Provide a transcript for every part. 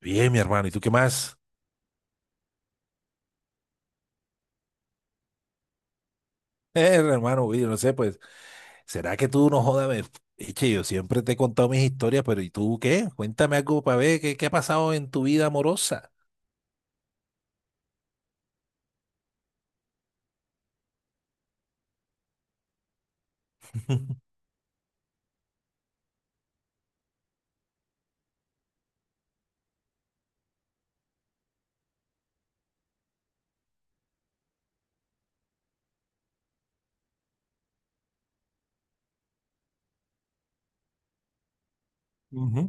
Bien, mi hermano, ¿y tú qué más? Hermano, oye, no sé, pues, ¿será que tú no jodas? Eche, yo siempre te he contado mis historias, pero ¿y tú qué? Cuéntame algo para ver qué ha pasado en tu vida amorosa. Ujú.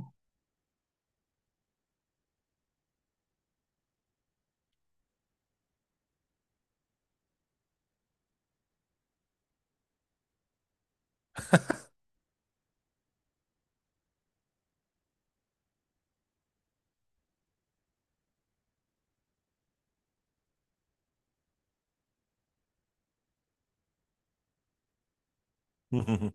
Ujú,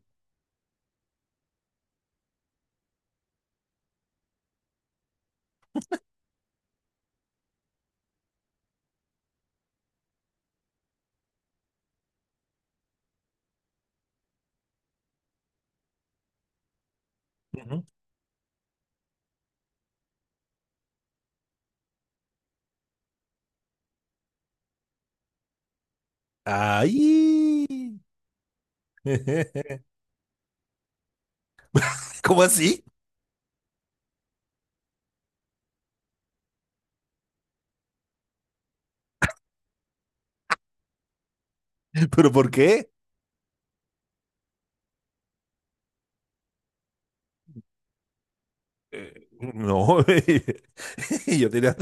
ujú. ¡Ay! ¿Cómo así? ¿Pero por qué? No, yo tenía.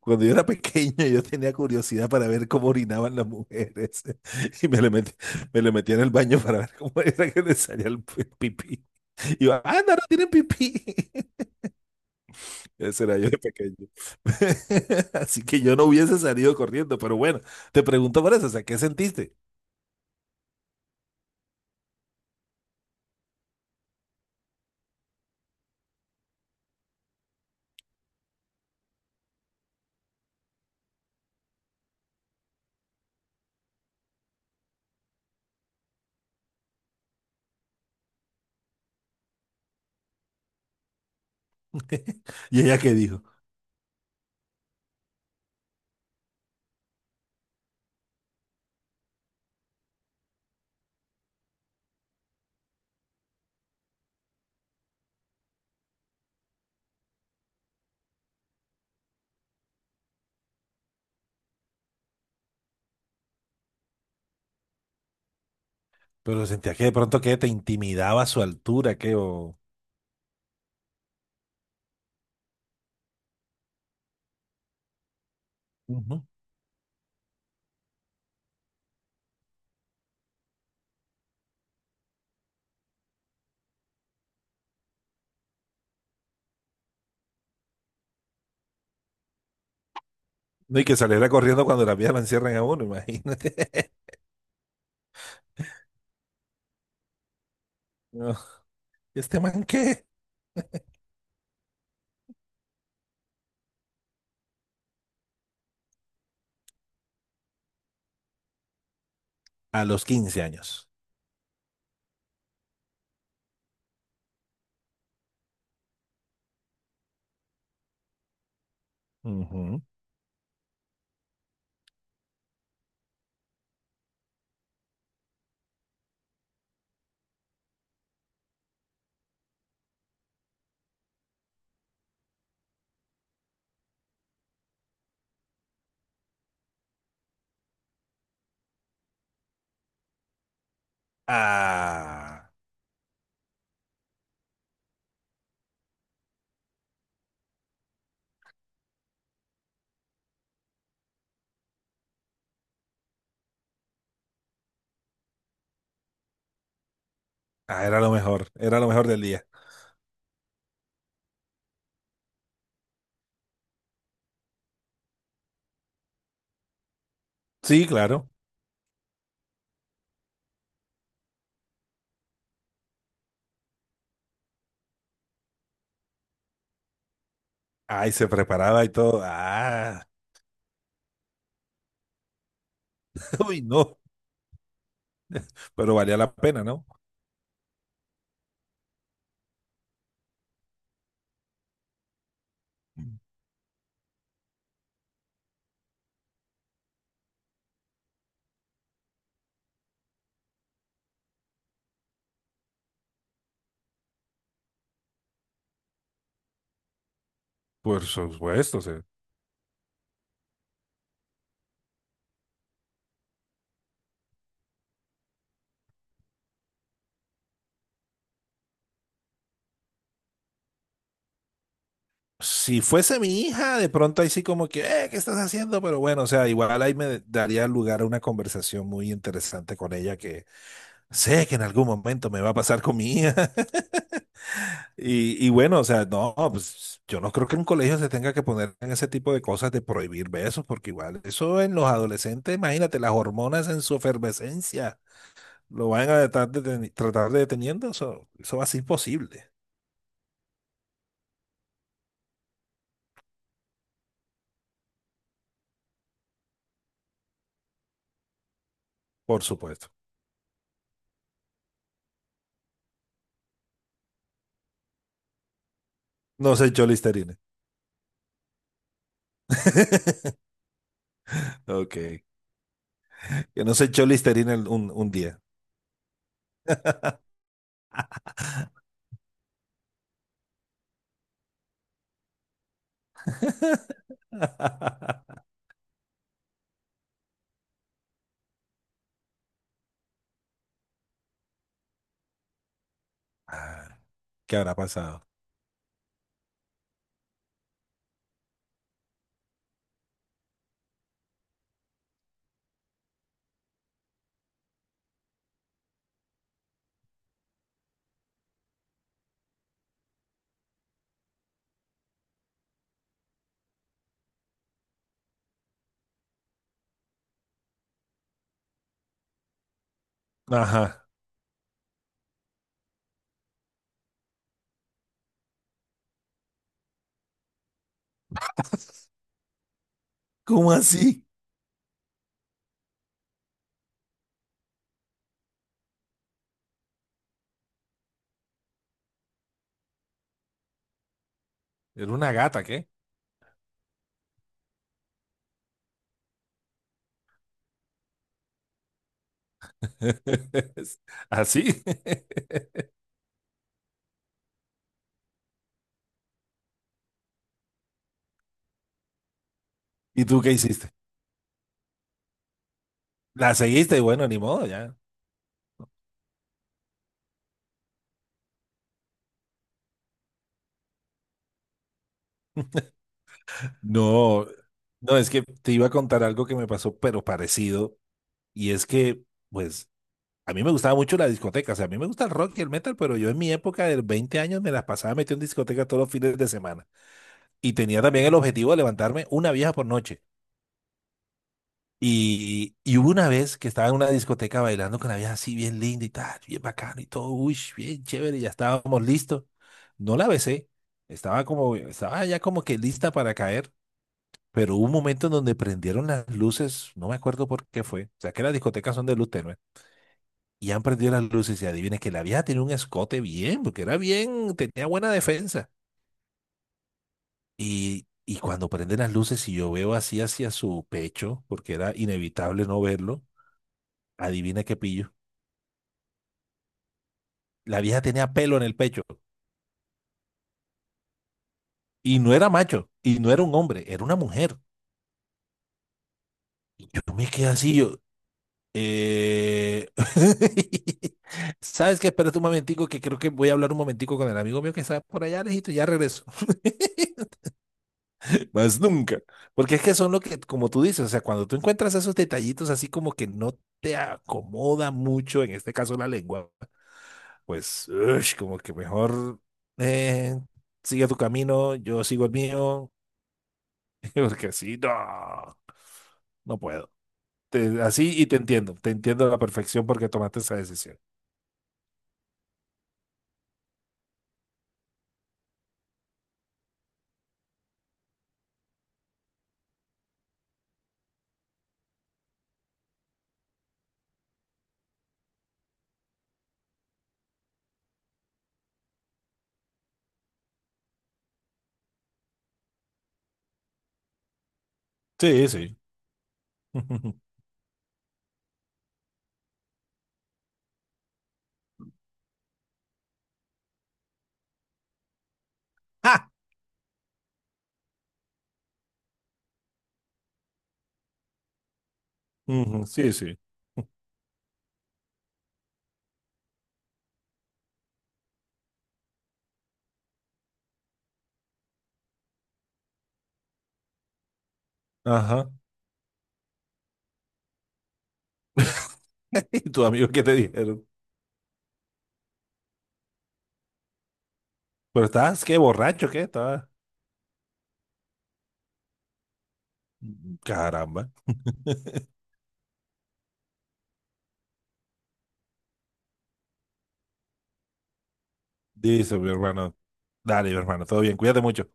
Cuando yo era pequeño, yo tenía curiosidad para ver cómo orinaban las mujeres. Y me le metía en el baño para ver cómo era que les salía el pipí. Y yo, ah, no, no tienen pipí. Ese era yo de pequeño. Así que yo no hubiese salido corriendo, pero bueno, te pregunto por eso, o sea, ¿qué sentiste? ¿Y ella qué dijo? Pero sentía que de pronto que te intimidaba su altura, que o... Ujú. No, y que saliera corriendo cuando las vieja la encierran a uno, imagínate. No, ¿este man qué? A los 15 años. Ujú. Ah, ah, era lo mejor del día. Sí, claro. Ay, se preparaba y todo. Ah, uy, no, pero valía la pena, ¿no? Por supuesto, o sea, si fuese mi hija, de pronto ahí sí como que, ¿qué estás haciendo? Pero bueno, o sea, igual ahí me daría lugar a una conversación muy interesante con ella que sé que en algún momento me va a pasar con mi hija. Y bueno, o sea, no, pues yo no creo que un colegio se tenga que poner en ese tipo de cosas de prohibir besos, porque igual eso en los adolescentes, imagínate, las hormonas en su efervescencia lo van a tratar de, tratar de deteniendo, eso va a ser imposible, por supuesto. No se echó Listerine. Ok. Que no se echó Listerine un día. Ah, ¿qué habrá pasado? Ajá. ¿Cómo así? Era una gata, ¿qué? ¿Así? ¿Y tú qué hiciste? La seguiste y bueno, ni modo, ya. No, no, es que te iba a contar algo que me pasó, pero parecido. Y es que, pues, a mí me gustaba mucho la discoteca. O sea, a mí me gusta el rock y el metal, pero yo en mi época de 20 años me las pasaba metido en discoteca todos los fines de semana. Y tenía también el objetivo de levantarme una vieja por noche. Y hubo una vez que estaba en una discoteca bailando con la vieja así bien linda y tal, bien bacano y todo, uy, bien chévere, ya estábamos listos. No la besé, estaba ya como que lista para caer, pero hubo un momento en donde prendieron las luces, no me acuerdo por qué fue, o sea que las discotecas son de luz tenue, y han prendido las luces y adivina que la vieja tenía un escote bien, porque era bien, tenía buena defensa. Y cuando prenden las luces y yo veo así hacia su pecho, porque era inevitable no verlo, adivina qué pillo. La vieja tenía pelo en el pecho y no era macho y no era un hombre, era una mujer. Y yo me quedé así, eh, ¿Sabes qué? Espérate un momentico, que creo que voy a hablar un momentico con el amigo mío que está por allá lejito, y ya regreso. Más nunca. Porque es que son lo que, como tú dices, o sea, cuando tú encuentras esos detallitos así como que no te acomoda mucho, en este caso la lengua, pues, ush, como que mejor eh, sigue tu camino, yo sigo el mío, porque sí, no, no puedo. Así y te entiendo a la perfección porque tomaste esa decisión. Sí, sí. ¡Ja! Ujú, sí, sí. Ajá. ¿Y tus amigos qué te dijeron? Pero estás, qué borracho, qué estabas. Caramba. Dice mi hermano. Dale, mi hermano, todo bien, cuídate mucho.